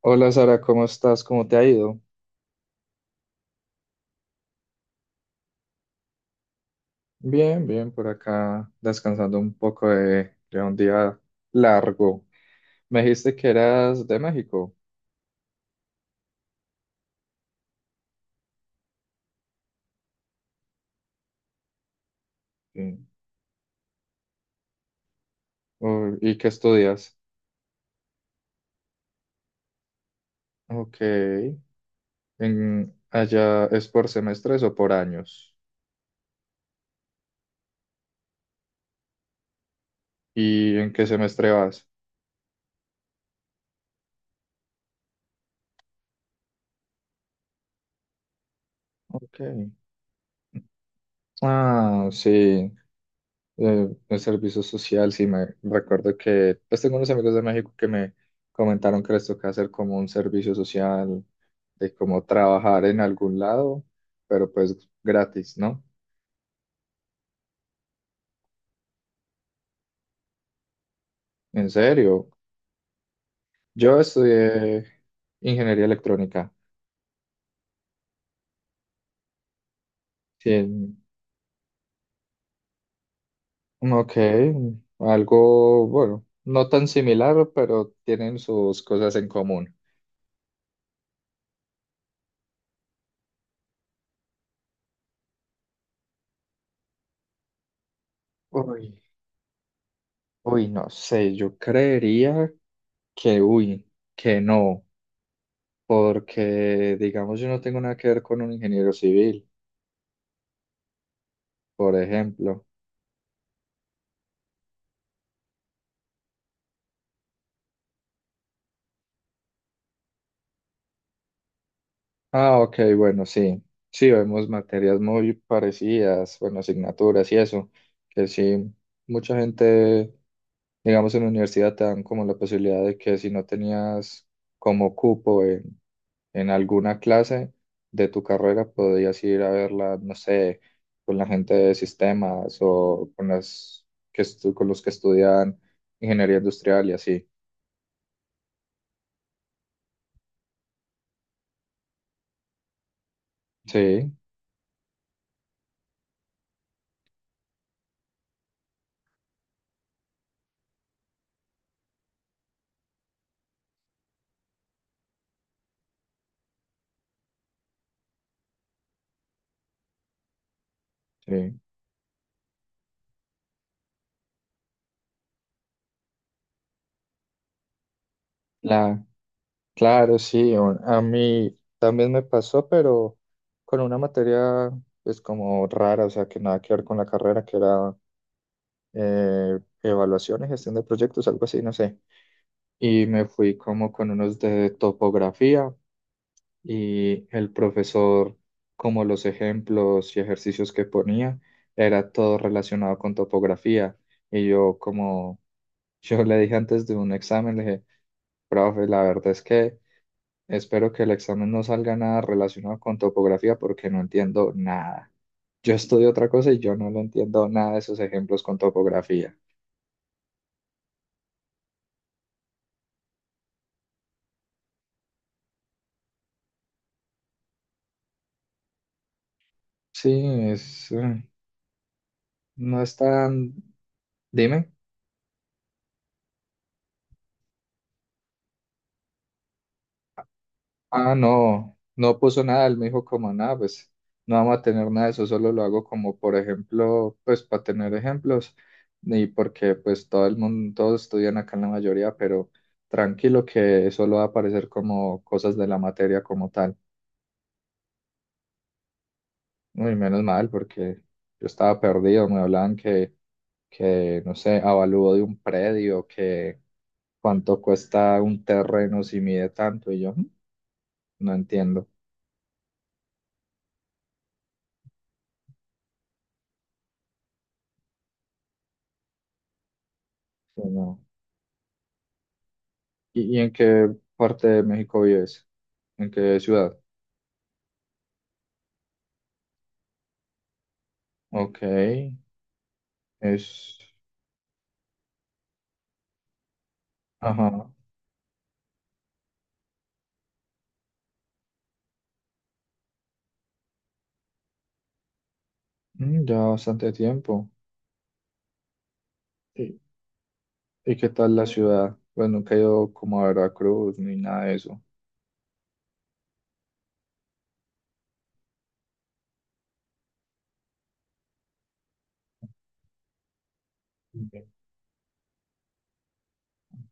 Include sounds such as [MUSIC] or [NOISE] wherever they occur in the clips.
Hola Sara, ¿cómo estás? ¿Cómo te ha ido? Bien, bien, por acá descansando un poco de un día largo. Me dijiste que eras de México. Sí. Oh, ¿y qué estudias? Ok. ¿Allá es por semestres o por años? ¿Y en qué semestre vas? Ok. Ah, sí. El servicio social, sí, me recuerdo que, pues tengo unos amigos de México que me comentaron que les toca hacer como un servicio social, de como trabajar en algún lado, pero pues gratis, ¿no? En serio, yo estudié ingeniería electrónica. Sí, ok, algo, bueno, no tan similar, pero tienen sus cosas en común. Uy, uy, no sé, yo creería que, uy, que no. Porque, digamos, yo no tengo nada que ver con un ingeniero civil, por ejemplo. Ah, ok, bueno, sí. Sí, vemos materias muy parecidas, bueno, asignaturas y eso, que sí, mucha gente, digamos, en la universidad te dan como la posibilidad de que si no tenías como cupo en alguna clase de tu carrera, podías ir a verla, no sé, con la gente de sistemas o con las con los que estudian ingeniería industrial y así. Sí, sí. La, claro, sí. A mí también me pasó, pero con una materia pues como rara, o sea, que nada que ver con la carrera, que era evaluación y gestión de proyectos, algo así, no sé. Y me fui como con unos de topografía y el profesor, como los ejemplos y ejercicios que ponía, era todo relacionado con topografía. Y yo como, [LAUGHS] yo le dije antes de un examen, le dije, profe, la verdad es que... Espero que el examen no salga nada relacionado con topografía porque no entiendo nada. Yo estudio otra cosa y yo no le entiendo nada de esos ejemplos con topografía. Sí, es, eh, no es tan... Dime. Ah, no, no puso nada. Él me dijo como nada, pues no vamos a tener nada de eso, solo lo hago como por ejemplo, pues para tener ejemplos y porque pues todo el mundo, todos estudian acá en la mayoría, pero tranquilo que solo va a aparecer como cosas de la materia como tal. Uy, menos mal, porque yo estaba perdido. Me hablaban que, no sé, avalúo de un predio, que cuánto cuesta un terreno si mide tanto. Y yo, "Mm, no entiendo. Sí, no. ¿Y en qué parte de México vives? ¿En qué ciudad? Ok, es... Ajá. Ya bastante tiempo. ¿Y, y qué tal la ciudad? Pues nunca he ido como a Veracruz ni nada de eso.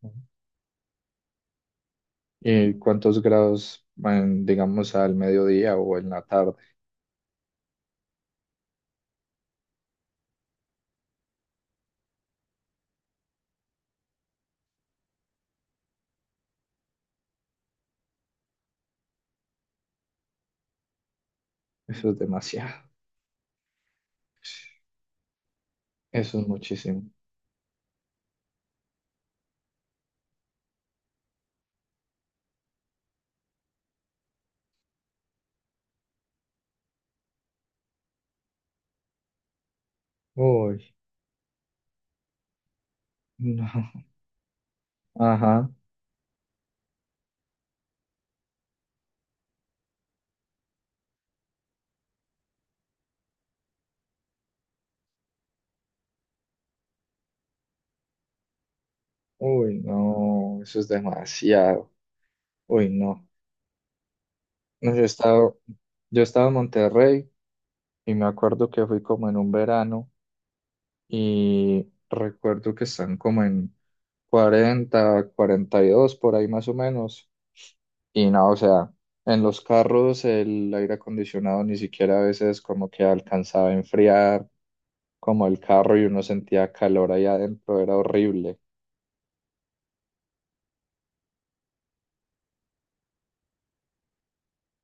Ok. ¿Y cuántos grados, en, digamos, al mediodía o en la tarde? Eso es demasiado. Eso es muchísimo. Uy, no. Ajá. Uy, no. Eso es demasiado. Uy, no. No, yo he estado en Monterrey y me acuerdo que fui como en un verano y recuerdo que están como en 40-42 por ahí más o menos. Y no, o sea, en los carros el aire acondicionado ni siquiera a veces como que alcanzaba a enfriar como el carro y uno sentía calor ahí adentro, era horrible.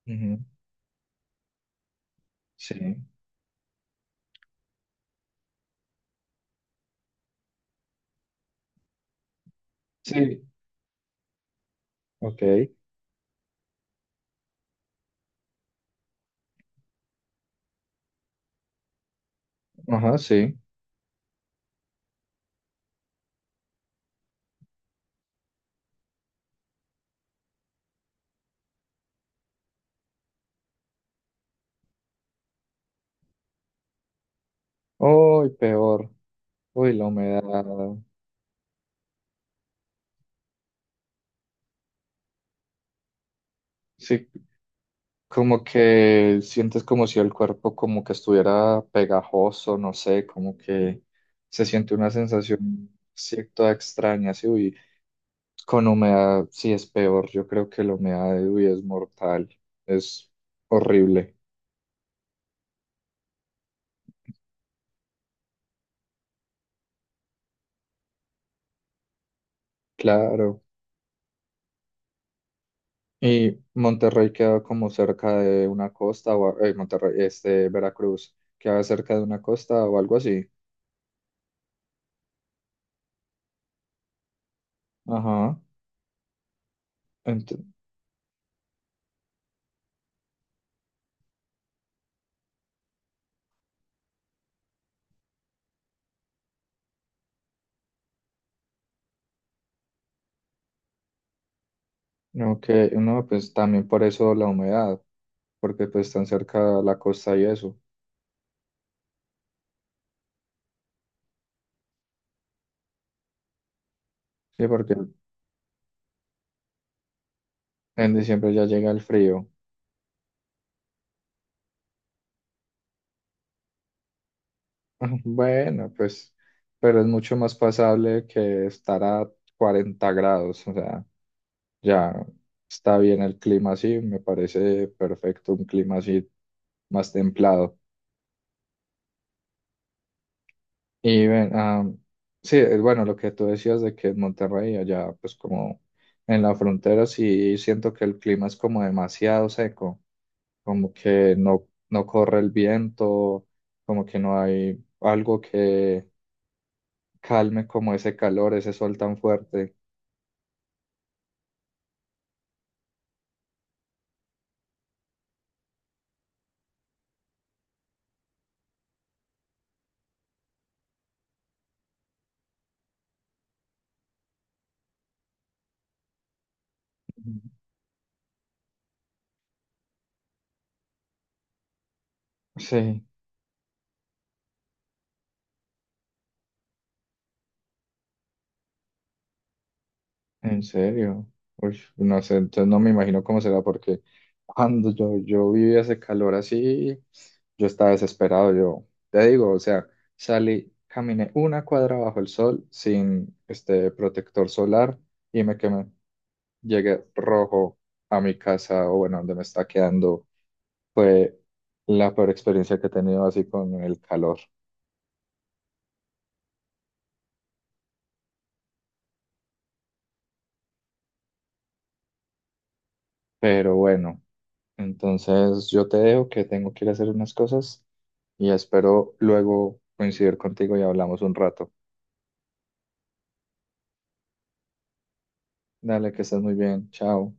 Ujú. Sí, sí, ok, ajá, sí. Uy, peor, uy, la humedad, sí, como que sientes como si el cuerpo como que estuviera pegajoso, no sé, como que se siente una sensación cierta extraña, sí, uy, con humedad sí es peor, yo creo que la humedad, uy, es mortal, es horrible, claro. Y Monterrey queda como cerca de una costa, Monterrey, Veracruz, queda cerca de una costa o algo así. Ajá, ent- ok, no, pues también por eso la humedad. Porque pues están cerca a la costa y eso. Sí, porque en diciembre ya llega el frío. [LAUGHS] Bueno, pues, pero es mucho más pasable que estar a 40 grados, o sea, ya está bien el clima así, me parece perfecto un clima así más templado. Y ven, ah, sí, bueno, lo que tú decías de que en Monterrey, allá pues como en la frontera, sí siento que el clima es como demasiado seco. Como que no, no corre el viento, como que no hay algo que calme como ese calor, ese sol tan fuerte. Ujú. Sí, en serio. Uy, no sé, entonces no me imagino cómo será, porque cuando yo vivía ese calor así, yo estaba desesperado, yo te digo, o sea, salí, caminé una cuadra bajo el sol sin este protector solar y me quemé. Llegué rojo a mi casa o bueno, donde me está quedando. Fue la peor experiencia que he tenido así con el calor. Pero bueno, entonces yo te dejo que tengo que ir a hacer unas cosas y espero luego coincidir contigo y hablamos un rato. Dale, que estés muy bien. Chao.